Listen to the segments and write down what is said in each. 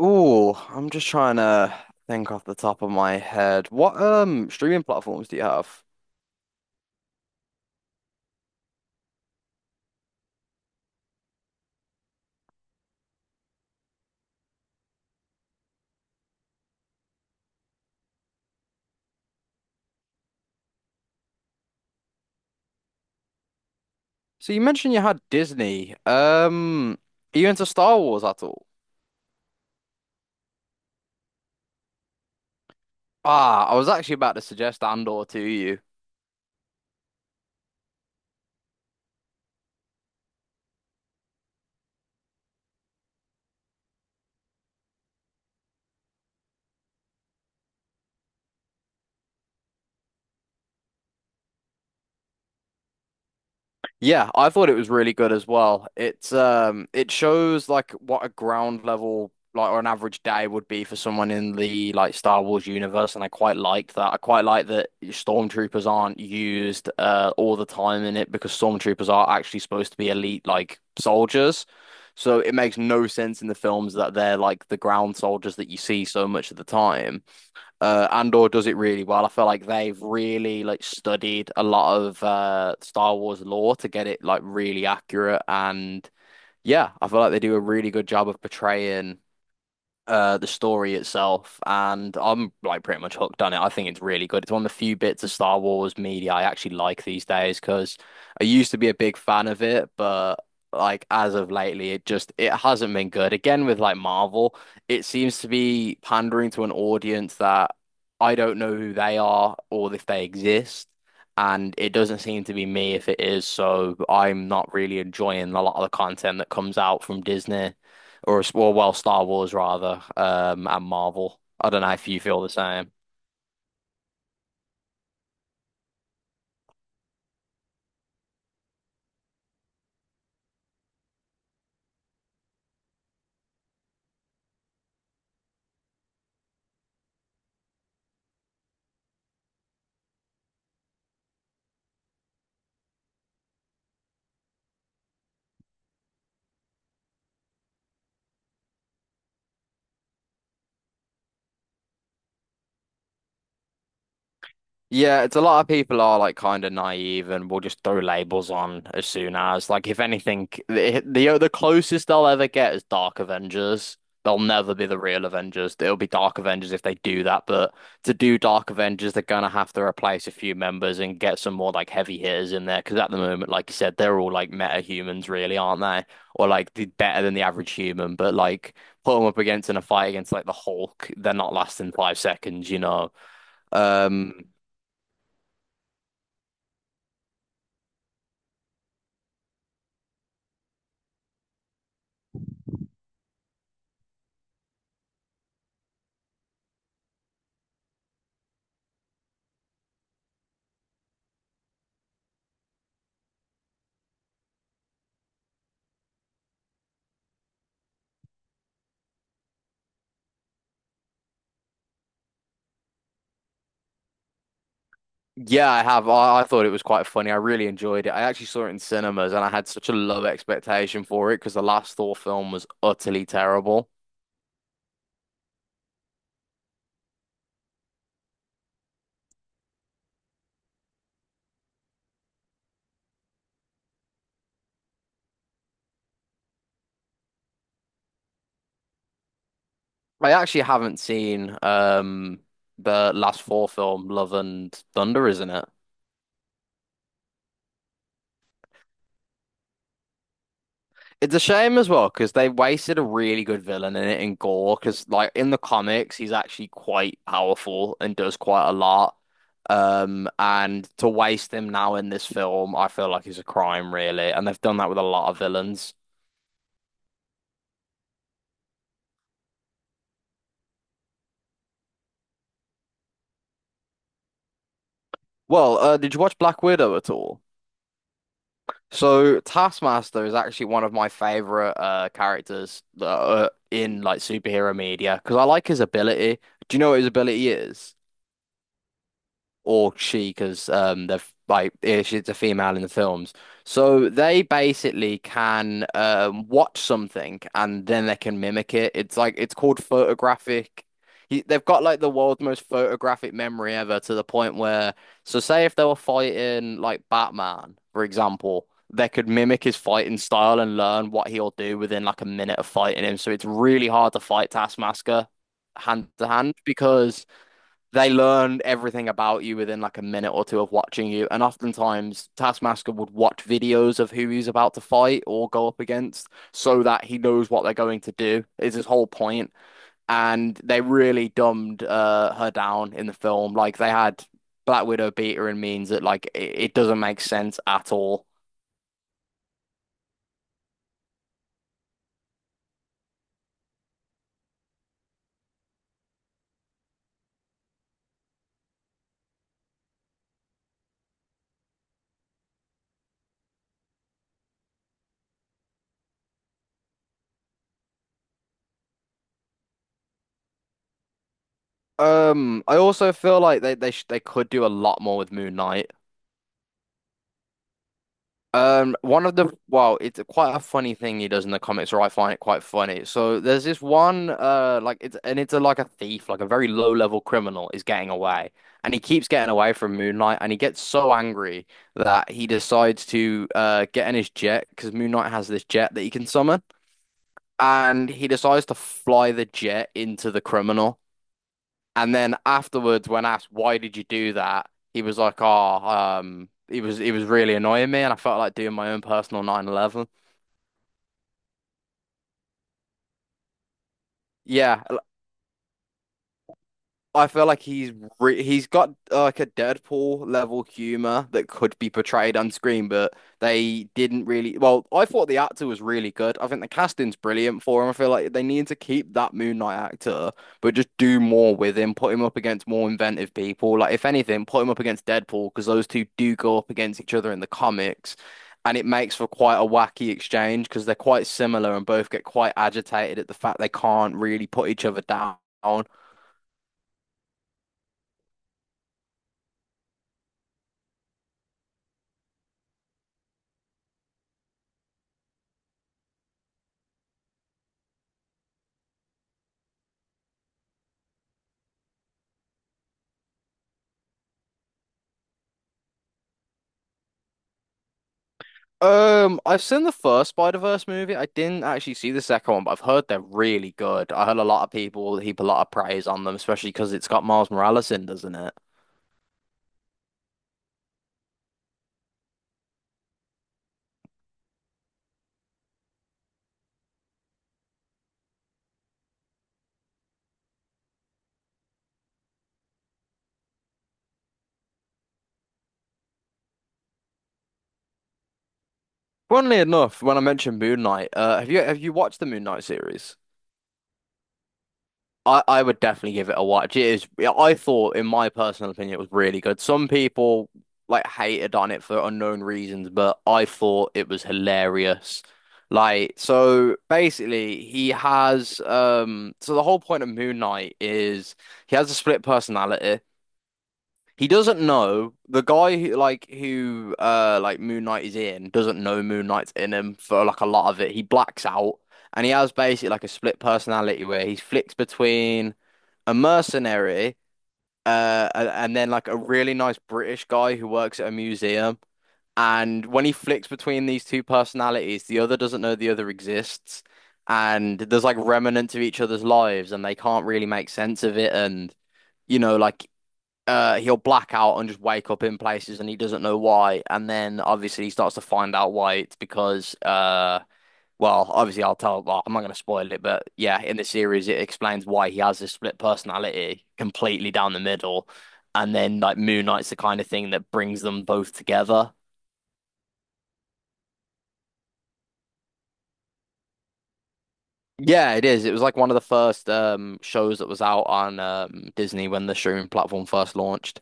Ooh, I'm just trying to think off the top of my head. What streaming platforms do you have? So you mentioned you had Disney. Are you into Star Wars at all? Ah, I was actually about to suggest Andor to you. Yeah, I thought it was really good as well. It's it shows like what a ground level like or an average day would be for someone in the like Star Wars universe, and I quite liked that. I quite like that stormtroopers aren't used all the time in it because stormtroopers are actually supposed to be elite like soldiers. So it makes no sense in the films that they're like the ground soldiers that you see so much of the time. Andor does it really well. I feel like they've really like studied a lot of Star Wars lore to get it like really accurate, and yeah, I feel like they do a really good job of portraying the story itself, and I'm like pretty much hooked on it. I think it's really good. It's one of the few bits of Star Wars media I actually like these days because I used to be a big fan of it, but like as of lately it just it hasn't been good. Again with like Marvel, it seems to be pandering to an audience that I don't know who they are or if they exist. And it doesn't seem to be me if it is, so I'm not really enjoying a lot of the content that comes out from Disney or well, Star Wars rather, and Marvel. I don't know if you feel the same. Yeah, it's a lot of people are like kind of naive and will just throw labels on as soon as like, if anything, the closest they'll ever get is Dark Avengers. They'll never be the real Avengers. It'll be Dark Avengers if they do that, but to do Dark Avengers, they're gonna have to replace a few members and get some more like heavy hitters in there because at the moment, like you said, they're all like meta humans, really, aren't they? Or like the, better than the average human, but like put them up against in a fight against like the Hulk, they're not lasting 5 seconds, you know. Um, Yeah, I have. I thought it was quite funny. I really enjoyed it. I actually saw it in cinemas, and I had such a low expectation for it because the last Thor film was utterly terrible. I actually haven't seen the last Thor film, Love and Thunder, isn't it? It's a shame as well because they wasted a really good villain in it in Gore, because like in the comics he's actually quite powerful and does quite a lot. And to waste him now in this film, I feel like is a crime really, and they've done that with a lot of villains. Well, did you watch Black Widow at all? So Taskmaster is actually one of my favorite characters in like superhero media because I like his ability. Do you know what his ability is? Or she, because like she's a female in the films. So they basically can, watch something, and then they can mimic it. It's like it's called photographic. They've got like the world's most photographic memory ever, to the point where, so say if they were fighting like Batman, for example, they could mimic his fighting style and learn what he'll do within like a minute of fighting him. So it's really hard to fight Taskmaster hand to hand because they learn everything about you within like a minute or two of watching you. And oftentimes, Taskmaster would watch videos of who he's about to fight or go up against so that he knows what they're going to do, is his whole point. And they really dumbed her down in the film. Like, they had Black Widow beat her in means that, like, it doesn't make sense at all. I also feel like they could do a lot more with Moon Knight. One of the wow, quite a funny thing he does in the comics, or I find it quite funny. So there's this one, like it's a, like a thief, like a very low level criminal is getting away, and he keeps getting away from Moon Knight, and he gets so angry that he decides to get in his jet because Moon Knight has this jet that he can summon, and he decides to fly the jet into the criminal. And then afterwards, when asked why did you do that, he was like, "Oh, it was really annoying me, and I felt like doing my own personal 9/11." Yeah, I feel like he's got like a Deadpool level humor that could be portrayed on screen, but they didn't really. Well, I thought the actor was really good. I think the casting's brilliant for him. I feel like they need to keep that Moon Knight actor, but just do more with him. Put him up against more inventive people. Like if anything, put him up against Deadpool because those two do go up against each other in the comics, and it makes for quite a wacky exchange because they're quite similar and both get quite agitated at the fact they can't really put each other down. I've seen the first Spider-Verse movie. I didn't actually see the second one, but I've heard they're really good. I heard a lot of people heap a lot of praise on them, especially because it's got Miles Morales in, doesn't it? Funnily enough, when I mentioned Moon Knight, have you watched the Moon Knight series? I would definitely give it a watch. It is, yeah, I thought, in my personal opinion, it was really good. Some people like hated on it for unknown reasons, but I thought it was hilarious. Like, so basically, he has, so the whole point of Moon Knight is he has a split personality. He doesn't know the guy, like, Moon Knight is in, doesn't know Moon Knight's in him for like a lot of it. He blacks out, and he has basically like a split personality where he flicks between a mercenary, and then like a really nice British guy who works at a museum. And when he flicks between these two personalities, the other doesn't know the other exists. And there's like remnants of each other's lives, and they can't really make sense of it. And you know, like he'll black out and just wake up in places, and he doesn't know why. And then obviously he starts to find out why. It's because well, obviously, I'll tell. Well, I'm not going to spoil it, but yeah, in the series, it explains why he has this split personality completely down the middle, and then like Moon Knight's the kind of thing that brings them both together. Yeah, it is. It was like one of the first shows that was out on Disney when the streaming platform first launched.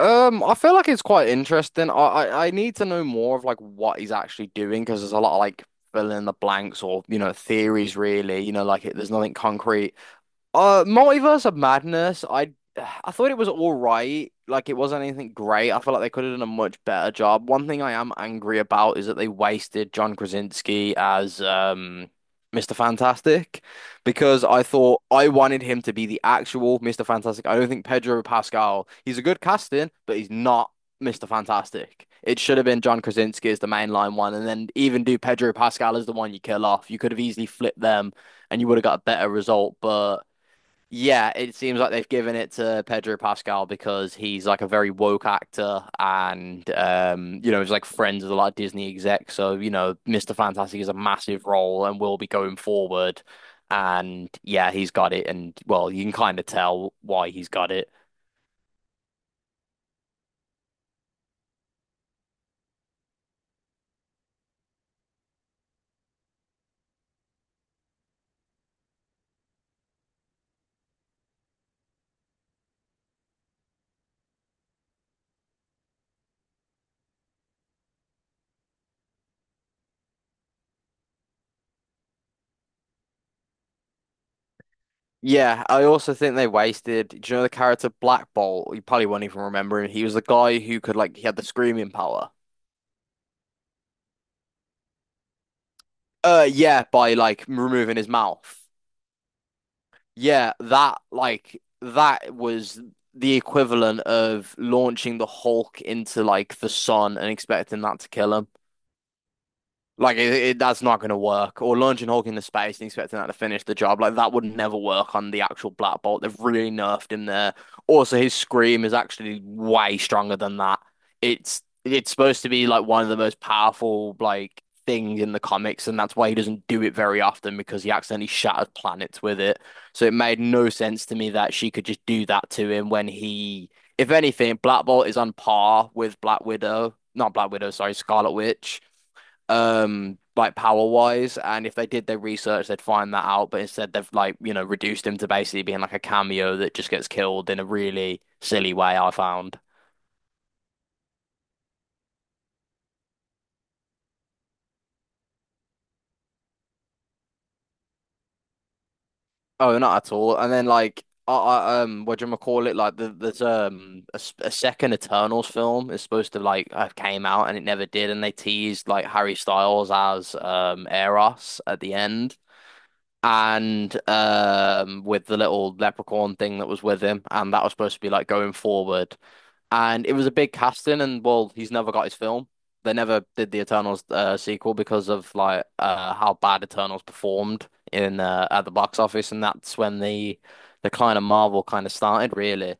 I feel like it's quite interesting. I need to know more of like what he's actually doing because there's a lot of like fill in the blanks or you know theories really. You know, like there's nothing concrete. Multiverse of Madness. I thought it was all right. Like it wasn't anything great. I feel like they could have done a much better job. One thing I am angry about is that they wasted John Krasinski as Mr. Fantastic, because I thought I wanted him to be the actual Mr. Fantastic. I don't think Pedro Pascal, he's a good casting, but he's not Mr. Fantastic. It should have been John Krasinski as the mainline one, and then even do Pedro Pascal as the one you kill off. You could have easily flipped them, and you would have got a better result, but yeah, it seems like they've given it to Pedro Pascal because he's like a very woke actor, and you know, he's like friends with a lot of Disney execs. So, you know, Mr. Fantastic is a massive role and will be going forward. And yeah, he's got it, and well, you can kind of tell why he's got it. Yeah, I also think they wasted. Do you know the character Black Bolt? You probably won't even remember him. He was the guy who could like he had the screaming power. Yeah, by like removing his mouth. Yeah, that like that was the equivalent of launching the Hulk into like the sun and expecting that to kill him. Like that's not going to work. Or launching Hulk into space and expecting that to finish the job, like that would never work on the actual Black Bolt. They've really nerfed him there. Also, his scream is actually way stronger than that. It's supposed to be like one of the most powerful like things in the comics, and that's why he doesn't do it very often because he accidentally shatters planets with it. So it made no sense to me that she could just do that to him when he, if anything, Black Bolt is on par with Black Widow, not Black Widow, sorry, Scarlet Witch, like power wise. And if they did their research, they'd find that out, but instead they've like, you know, reduced him to basically being like a cameo that just gets killed in a really silly way, I found. Oh, not at all. And then like, I what do you call it, like there's a second Eternals film is supposed to like have came out, and it never did, and they teased like Harry Styles as Eros at the end, and with the little leprechaun thing that was with him, and that was supposed to be like going forward, and it was a big casting, and well, he's never got his film. They never did the Eternals sequel because of like how bad Eternals performed in at the box office, and that's when the decline of Marvel kind of started, really.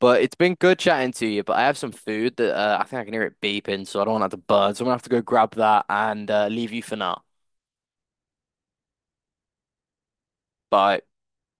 But it's been good chatting to you. But I have some food that I think I can hear it beeping, so I don't want that to burn. So I'm gonna have to go grab that and leave you for now. Bye.